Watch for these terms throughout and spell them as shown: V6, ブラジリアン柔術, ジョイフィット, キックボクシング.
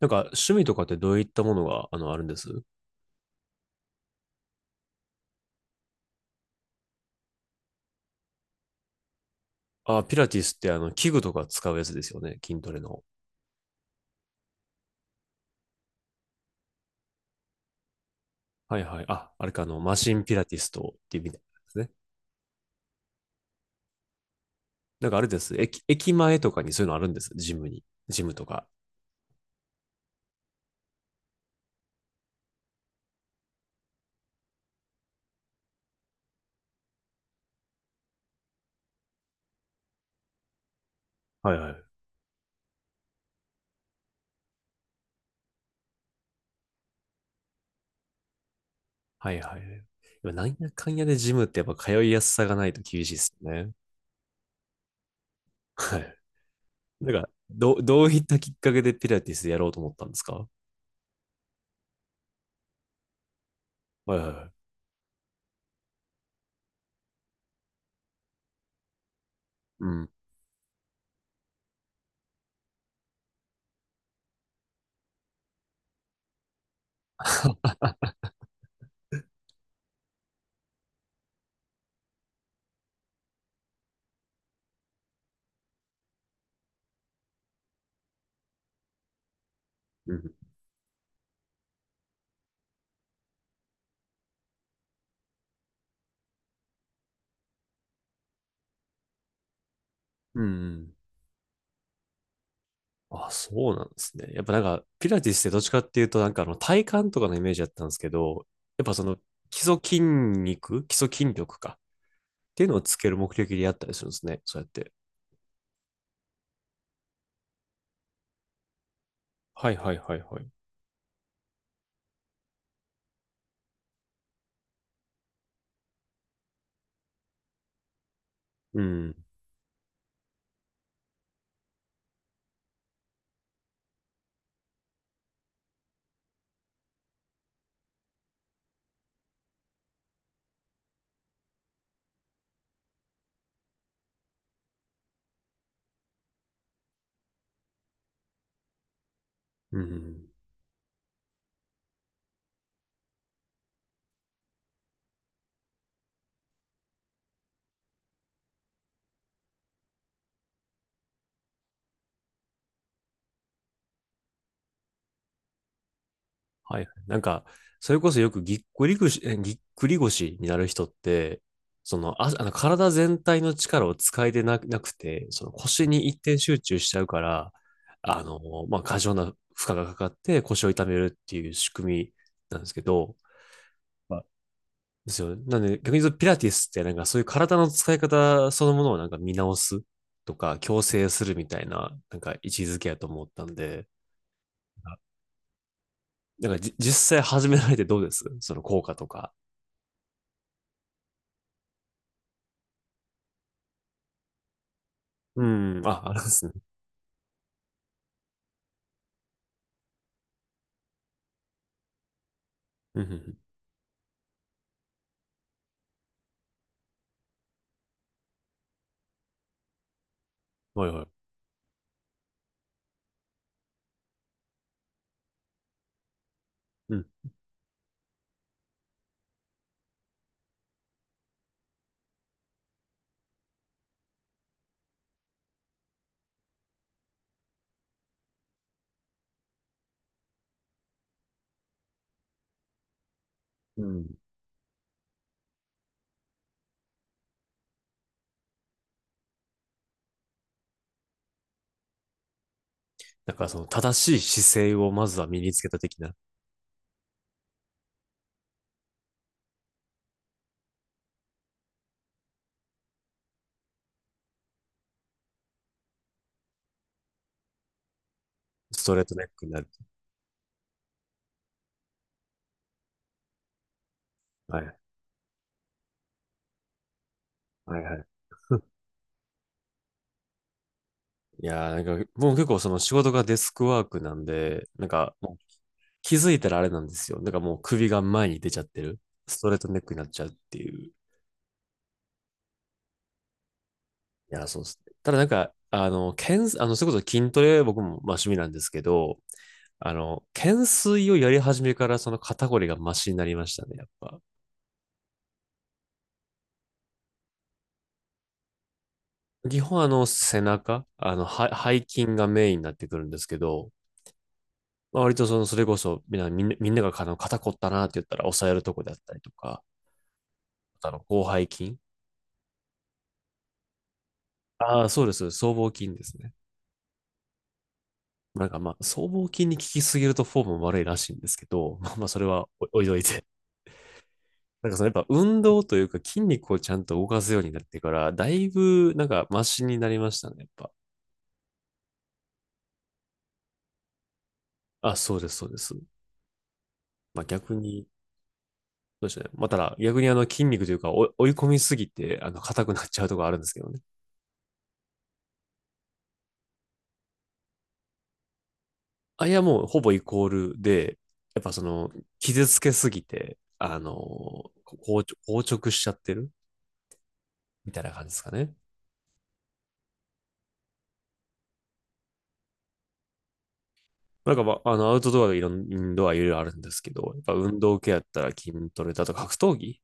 なんか趣味とかってどういったものがあるんですあ、ピラティスって器具とか使うやつですよね。筋トレの。はいはい。あ、あれか、マシンピラティストっていうみたいなんですね。なんかあれです。駅前とかにそういうのあるんです。ジムに。ジムとか。はいはい。はいはい。今、なんやかんやでジムってやっぱ通いやすさがないと厳しいですよね。はい。なんか、どういったきっかけでピラティスやろうと思ったんですか？はいはいはい。うん。うん。うんうん。あ、そうなんですね。やっぱなんか、ピラティスってどっちかっていうと、なんか体幹とかのイメージだったんですけど、やっぱその基礎筋肉、基礎筋力かっていうのをつける目的でやったりするんですね。そうやって。はいはいはいはい。うん。うん。はい。なんか、それこそよくぎっくり腰になる人って、その、あの体全体の力を使えてなくて、その腰に一点集中しちゃうから、あの、まあ、過剰な負荷がかかって腰を痛めるっていう仕組みなんですけど、はい、ですよね。なんで、逆に言うとピラティスってなんかそういう体の使い方そのものをなんか見直すとか、矯正するみたいな、なんか位置づけやと思ったんで、なんか実際始められてどうですその効果とか。うん。あ、あれですね。うんうんうん。はいはい。うん。うん。だからその正しい姿勢をまずは身につけた的な。ストレートネックになる。はい。はいはい。いやーなんか、もう結構その仕事がデスクワークなんで、なんかもう気づいたらあれなんですよ。なんかもう首が前に出ちゃってる。ストレートネックになっちゃうっていう。いやー、そうですね。ただなんか、あの、それこそ筋トレ僕もまあ趣味なんですけど、あの、懸垂をやり始めからその肩こりがマシになりましたね、やっぱ。基本あの背中、あのは背筋がメインになってくるんですけど、まあ、割とそのそれこそみんながあの肩こったなって言ったら押さえるとこであったりとか、あの広背筋。ああ、そうです。僧帽筋ですね。なんかまあ、僧帽筋に効きすぎるとフォーム悪いらしいんですけど、まあまあそれはお置いといて。なんかそのやっぱ運動というか筋肉をちゃんと動かすようになってから、だいぶなんかマシになりましたね、やっぱ。あ、そうです、そうです。まあ逆に、そうですね。まあ、ただ、逆にあの筋肉というか、追い込みすぎて、硬くなっちゃうところあるんですけどね。あいや、もうほぼイコールで、やっぱその、傷つけすぎて、硬直しちゃってるみたいな感じですかね。なんか、まあ、あの、アウトドアがいろん、インドアいろいろあるんですけど、やっぱ運動系やったら筋トレだとか格闘技、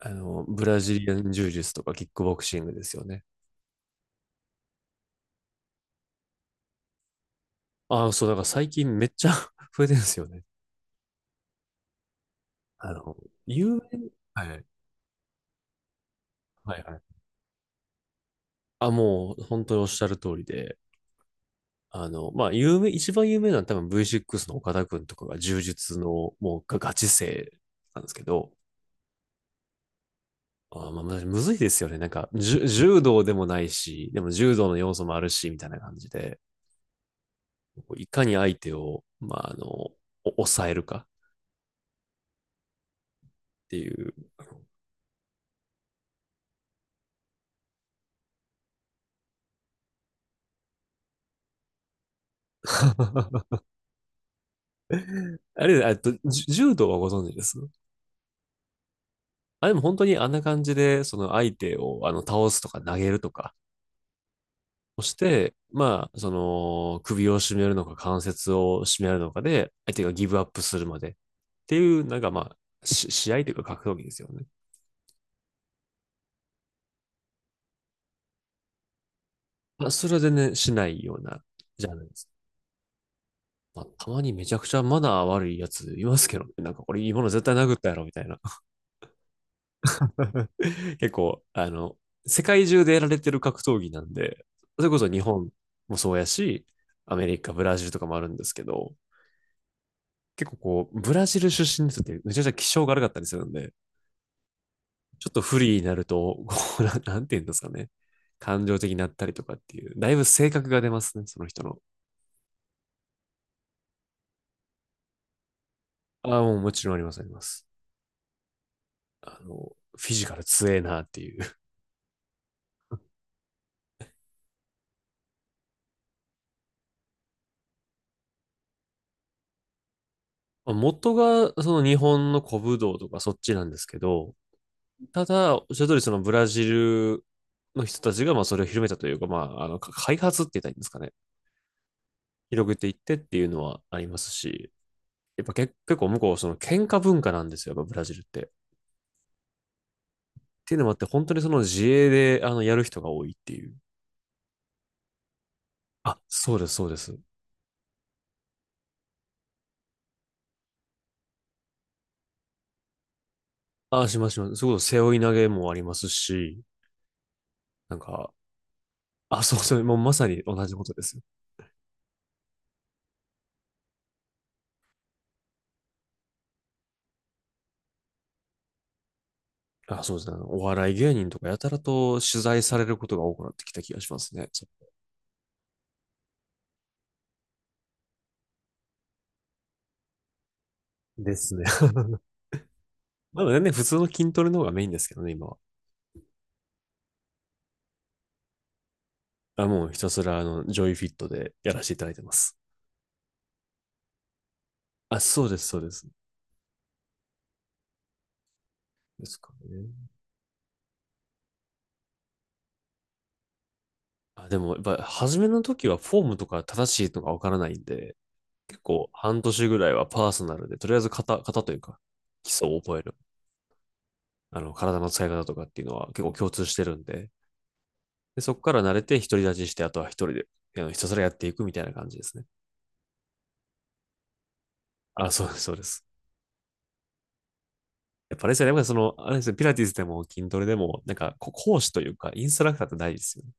ブラジリアン柔術とかキックボクシングですよね。ああ、そう、なんか最近めっちゃ 増えてるんですよね。あの、遊園、はい、はい、はい。あ、もう本当におっしゃる通りで、あの、まあ、一番有名なのは多分 V6 の岡田くんとかが柔術の、もうガチ勢なんですけど、あ、まあ、むずいですよね。なんか、柔道でもないし、でも柔道の要素もあるし、みたいな感じで、こういかに相手を、まあ、抑えるかっていう。あれ、えっと、柔道はご存知ですあ、でも本当にあんな感じで、その相手を、あの、倒すとか投げるとかをして、まあ、その、首を絞めるのか関節を絞めるのかで、相手がギブアップするまでっていう、なんかまあ、試合というか格闘技ですよね。まあ、それは全然しないようなジャンルです。まあ、たまにめちゃくちゃマナー悪いやついますけどね、なんかこれいいもの絶対殴ったやろみたいな。結構、世界中でやられてる格闘技なんで、それこそ日本もそうやし、アメリカ、ブラジルとかもあるんですけど、結構こう、ブラジル出身の人ってめちゃくちゃ気性が悪かったりするんで、ちょっと不利になると、こう、なんて言うんですかね。感情的になったりとかっていう、だいぶ性格が出ますね、その人の。ああ、もうもちろんあります、あります。あの、フィジカル強えなっていう。まあ元がその日本の古武道とかそっちなんですけど、ただ、おっしゃる通りそのブラジルの人たちがまあそれを広めたというか、まあ、あの、開発って言ったらいいんですかね。広げていってっていうのはありますし、やっぱ結構向こう、その喧嘩文化なんですよ、やっぱブラジルって。っていうのもあって、本当にその自衛で、やる人が多いっていう。あ、そうです、そうです。あ、しますします。そういうこと、背負い投げもありますし、なんか、あ、そうそう、もうまさに同じことですよ。あ、そうですね。お笑い芸人とかやたらと取材されることが多くなってきた気がしますね。そうですね。まだね、普通の筋トレの方がメインですけどね、今は。まあ、もうひたすら、ジョイフィットでやらせていただいてます。あ、そうです、そうです。ですかね。あ、でも、やっぱ、初めの時はフォームとか正しいとかわからないんで、結構半年ぐらいはパーソナルで、とりあえず型というか、基礎を覚える。あの、体の使い方とかっていうのは結構共通してるんで、で、そこから慣れて独り立ちして、あとは一人で、ひたすらやっていくみたいな感じですね。あ、そうです、そうです。やっぱあれですよね、やっぱりその、あれですよ、ピラティスでも筋トレでも、なんか、講師というか、インストラクターって大事ですよね。